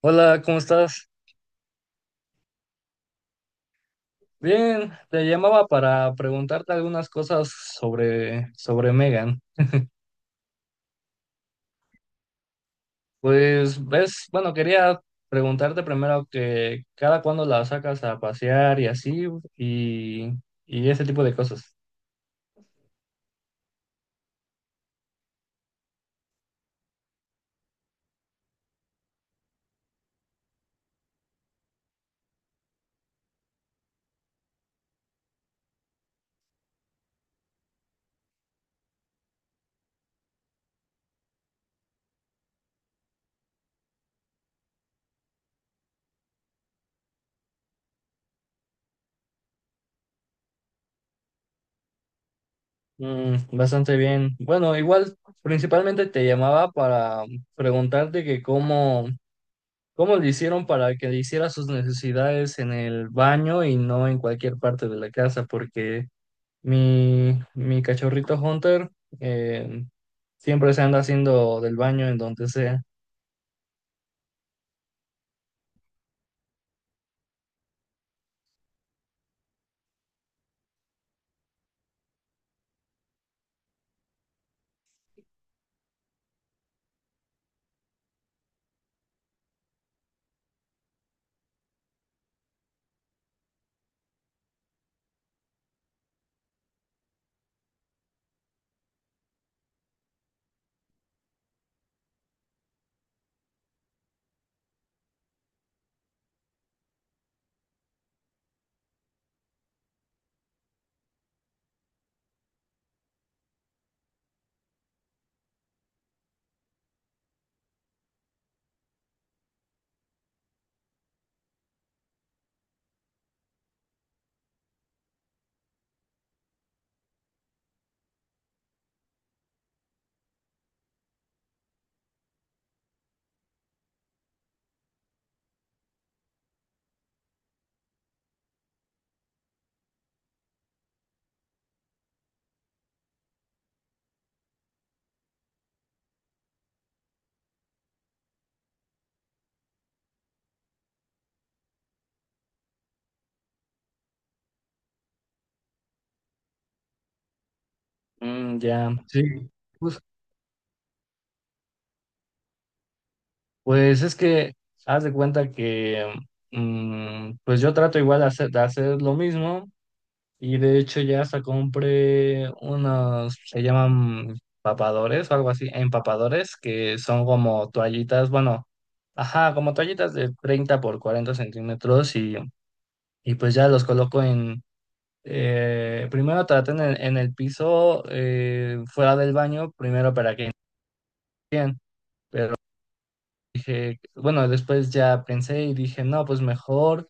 Hola, ¿cómo estás? Bien, te llamaba para preguntarte algunas cosas sobre Megan. Pues ves, bueno, quería preguntarte primero que cada cuándo la sacas a pasear y así, y, y ese tipo de cosas. Mm, bastante bien. Bueno, igual principalmente te llamaba para preguntarte que cómo le hicieron para que le hiciera sus necesidades en el baño y no en cualquier parte de la casa, porque mi cachorrito Hunter eh, siempre se anda haciendo del baño en donde sea. Mm, ya, sí. Pues, pues es que haz de cuenta que pues yo trato igual de hacer lo mismo, y de hecho ya hasta compré unos, se llaman papadores o algo así, empapadores, que son como toallitas, bueno, ajá, como toallitas de 30 por 40 centímetros, y pues ya los coloco. Primero traten en el piso, fuera del baño, primero para que dije, bueno, después ya pensé y dije, no, pues mejor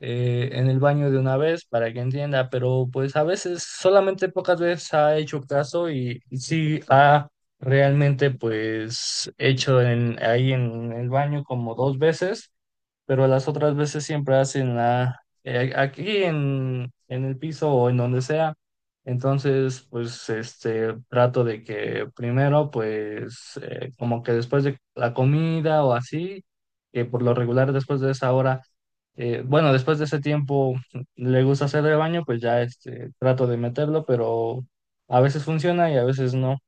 en el baño de una vez para que entienda, pero pues a veces solamente pocas veces ha hecho caso, y sí ha realmente pues hecho en, ahí en el baño como dos veces. Pero las otras veces siempre hacen aquí en el piso o en donde sea. Entonces, pues, este, trato de que primero, pues, como que después de la comida o así, que por lo regular después de esa hora, bueno, después de ese tiempo le gusta hacer el baño, pues ya, este, trato de meterlo, pero a veces funciona y a veces no.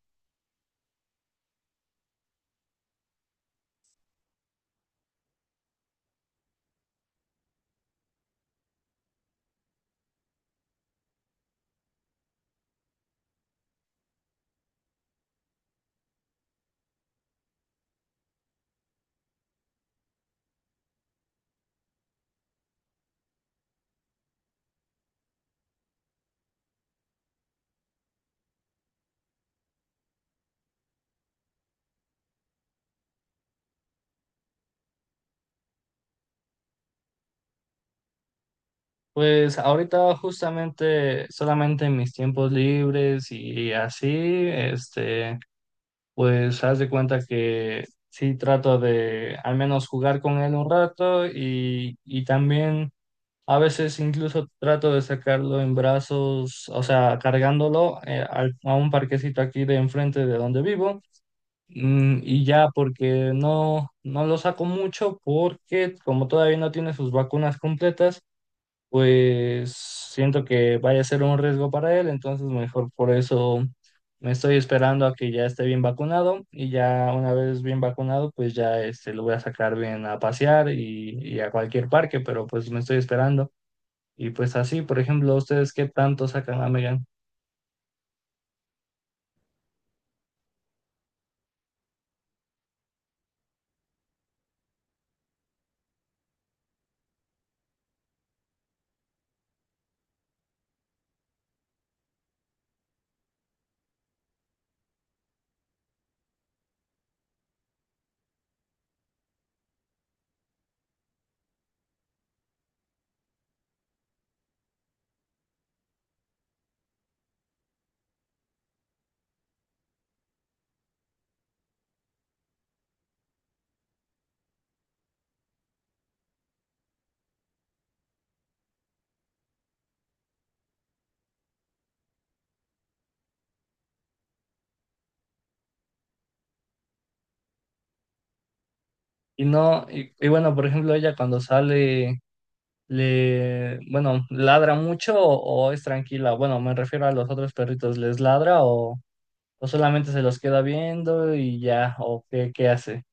Pues ahorita justamente solamente en mis tiempos libres y así, este, pues haz de cuenta que sí trato de al menos jugar con él un rato, y también a veces incluso trato de sacarlo en brazos, o sea, cargándolo a un parquecito aquí de enfrente de donde vivo. Mm, y ya, porque no lo saco mucho porque como todavía no tiene sus vacunas completas, pues siento que vaya a ser un riesgo para él, entonces mejor por eso me estoy esperando a que ya esté bien vacunado, y ya una vez bien vacunado, pues ya este, lo voy a sacar bien a pasear y a cualquier parque, pero pues me estoy esperando. Y pues así, por ejemplo, ¿ustedes qué tanto sacan a Megan? Y no, y bueno, por ejemplo, ella cuando sale, bueno, ladra mucho o es tranquila. Bueno, me refiero a los otros perritos, ¿les ladra o solamente se los queda viendo y ya, o qué, qué hace?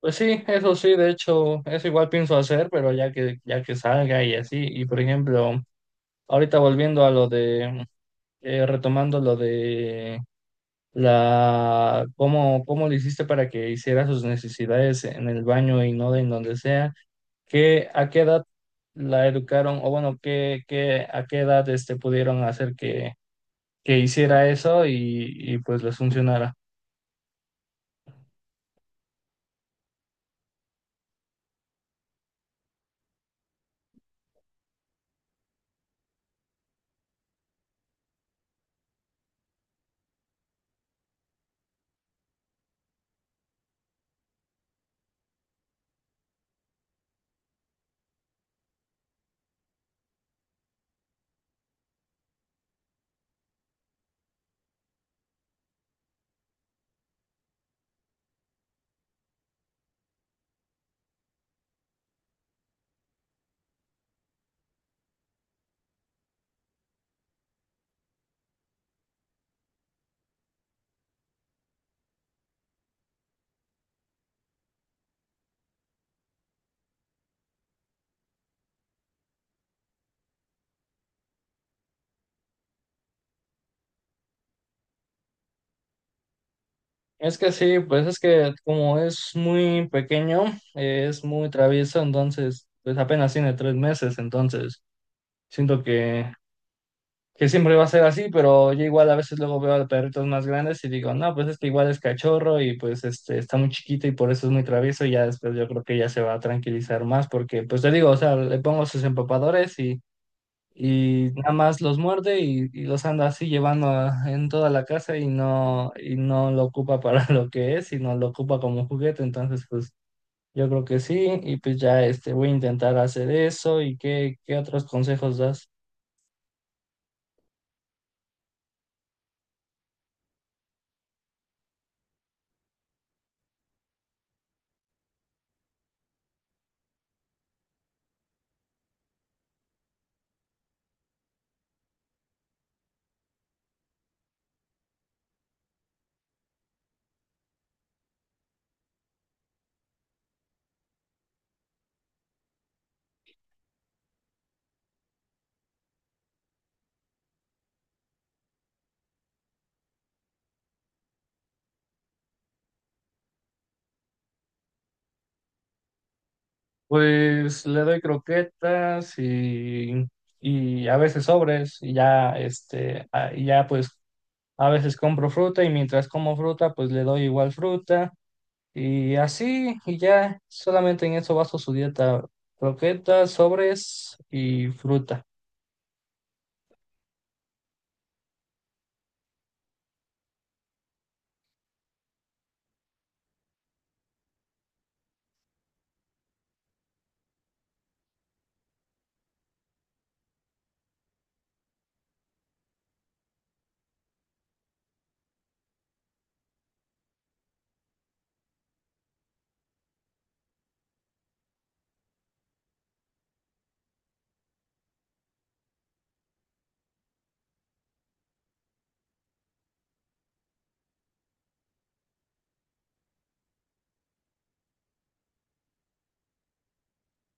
Pues sí, eso sí, de hecho, eso igual pienso hacer, pero ya que salga y así, y por ejemplo, ahorita volviendo a lo de, retomando lo de cómo le hiciste para que hiciera sus necesidades en el baño y no en donde sea, ¿a qué edad la educaron? O bueno, ¿a qué edad este, pudieron hacer que hiciera eso y pues les funcionara? Es que sí, pues es que como es muy pequeño, es muy travieso, entonces, pues apenas tiene 3 meses, entonces siento que siempre va a ser así, pero yo igual a veces luego veo a perritos más grandes y digo, no, pues este igual es cachorro y pues este está muy chiquito, y por eso es muy travieso, y ya después yo creo que ya se va a tranquilizar más porque, pues te digo, o sea, le pongo sus empapadores, y nada más los muerde, y los anda así llevando a- en toda la casa, y no lo ocupa para lo que es, sino lo ocupa como juguete. Entonces, pues yo creo que sí, y pues ya este, voy a intentar hacer eso. ¿Y qué otros consejos das? Pues le doy croquetas, y a veces sobres, y ya este, y ya pues a veces compro fruta, y mientras como fruta, pues le doy igual fruta. Y así, y ya solamente en eso baso su dieta: croquetas, sobres y fruta.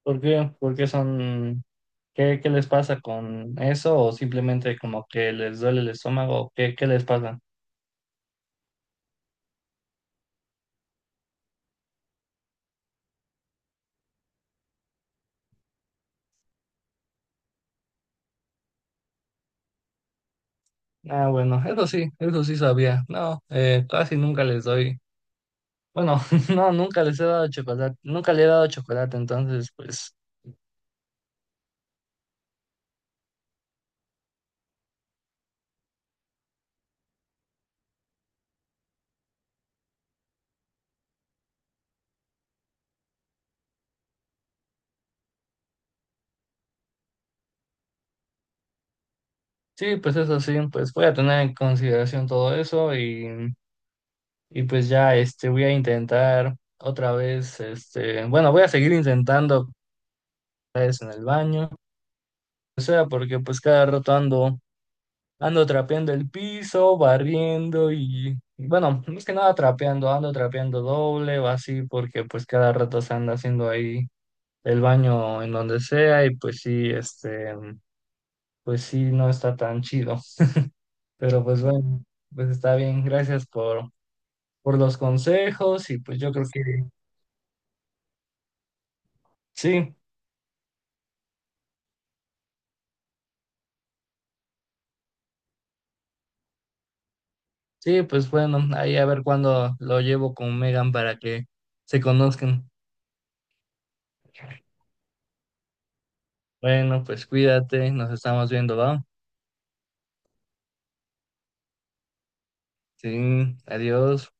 ¿Por qué? ¿Qué les pasa con eso? ¿O simplemente como que les duele el estómago? ¿Qué les pasa? Ah, bueno, eso sí sabía. No, casi nunca les doy. Bueno, no, nunca les he dado chocolate, nunca le he dado chocolate, entonces, pues, sí, pues eso sí, pues voy a tener en consideración todo eso. Y pues ya, este, voy a intentar otra vez, este, bueno, voy a seguir intentando otra vez en el baño, o sea, porque pues cada rato ando trapeando el piso, barriendo y, bueno, más que nada trapeando, ando trapeando doble o así, porque pues cada rato se anda haciendo ahí el baño en donde sea, y pues sí, este, pues sí, no está tan chido, pero pues bueno, pues está bien, gracias por los consejos, y pues yo creo que sí. Sí, pues bueno, ahí a ver cuándo lo llevo con Megan para que se conozcan. Bueno, pues cuídate, nos estamos viendo, ¿va? Sí, adiós.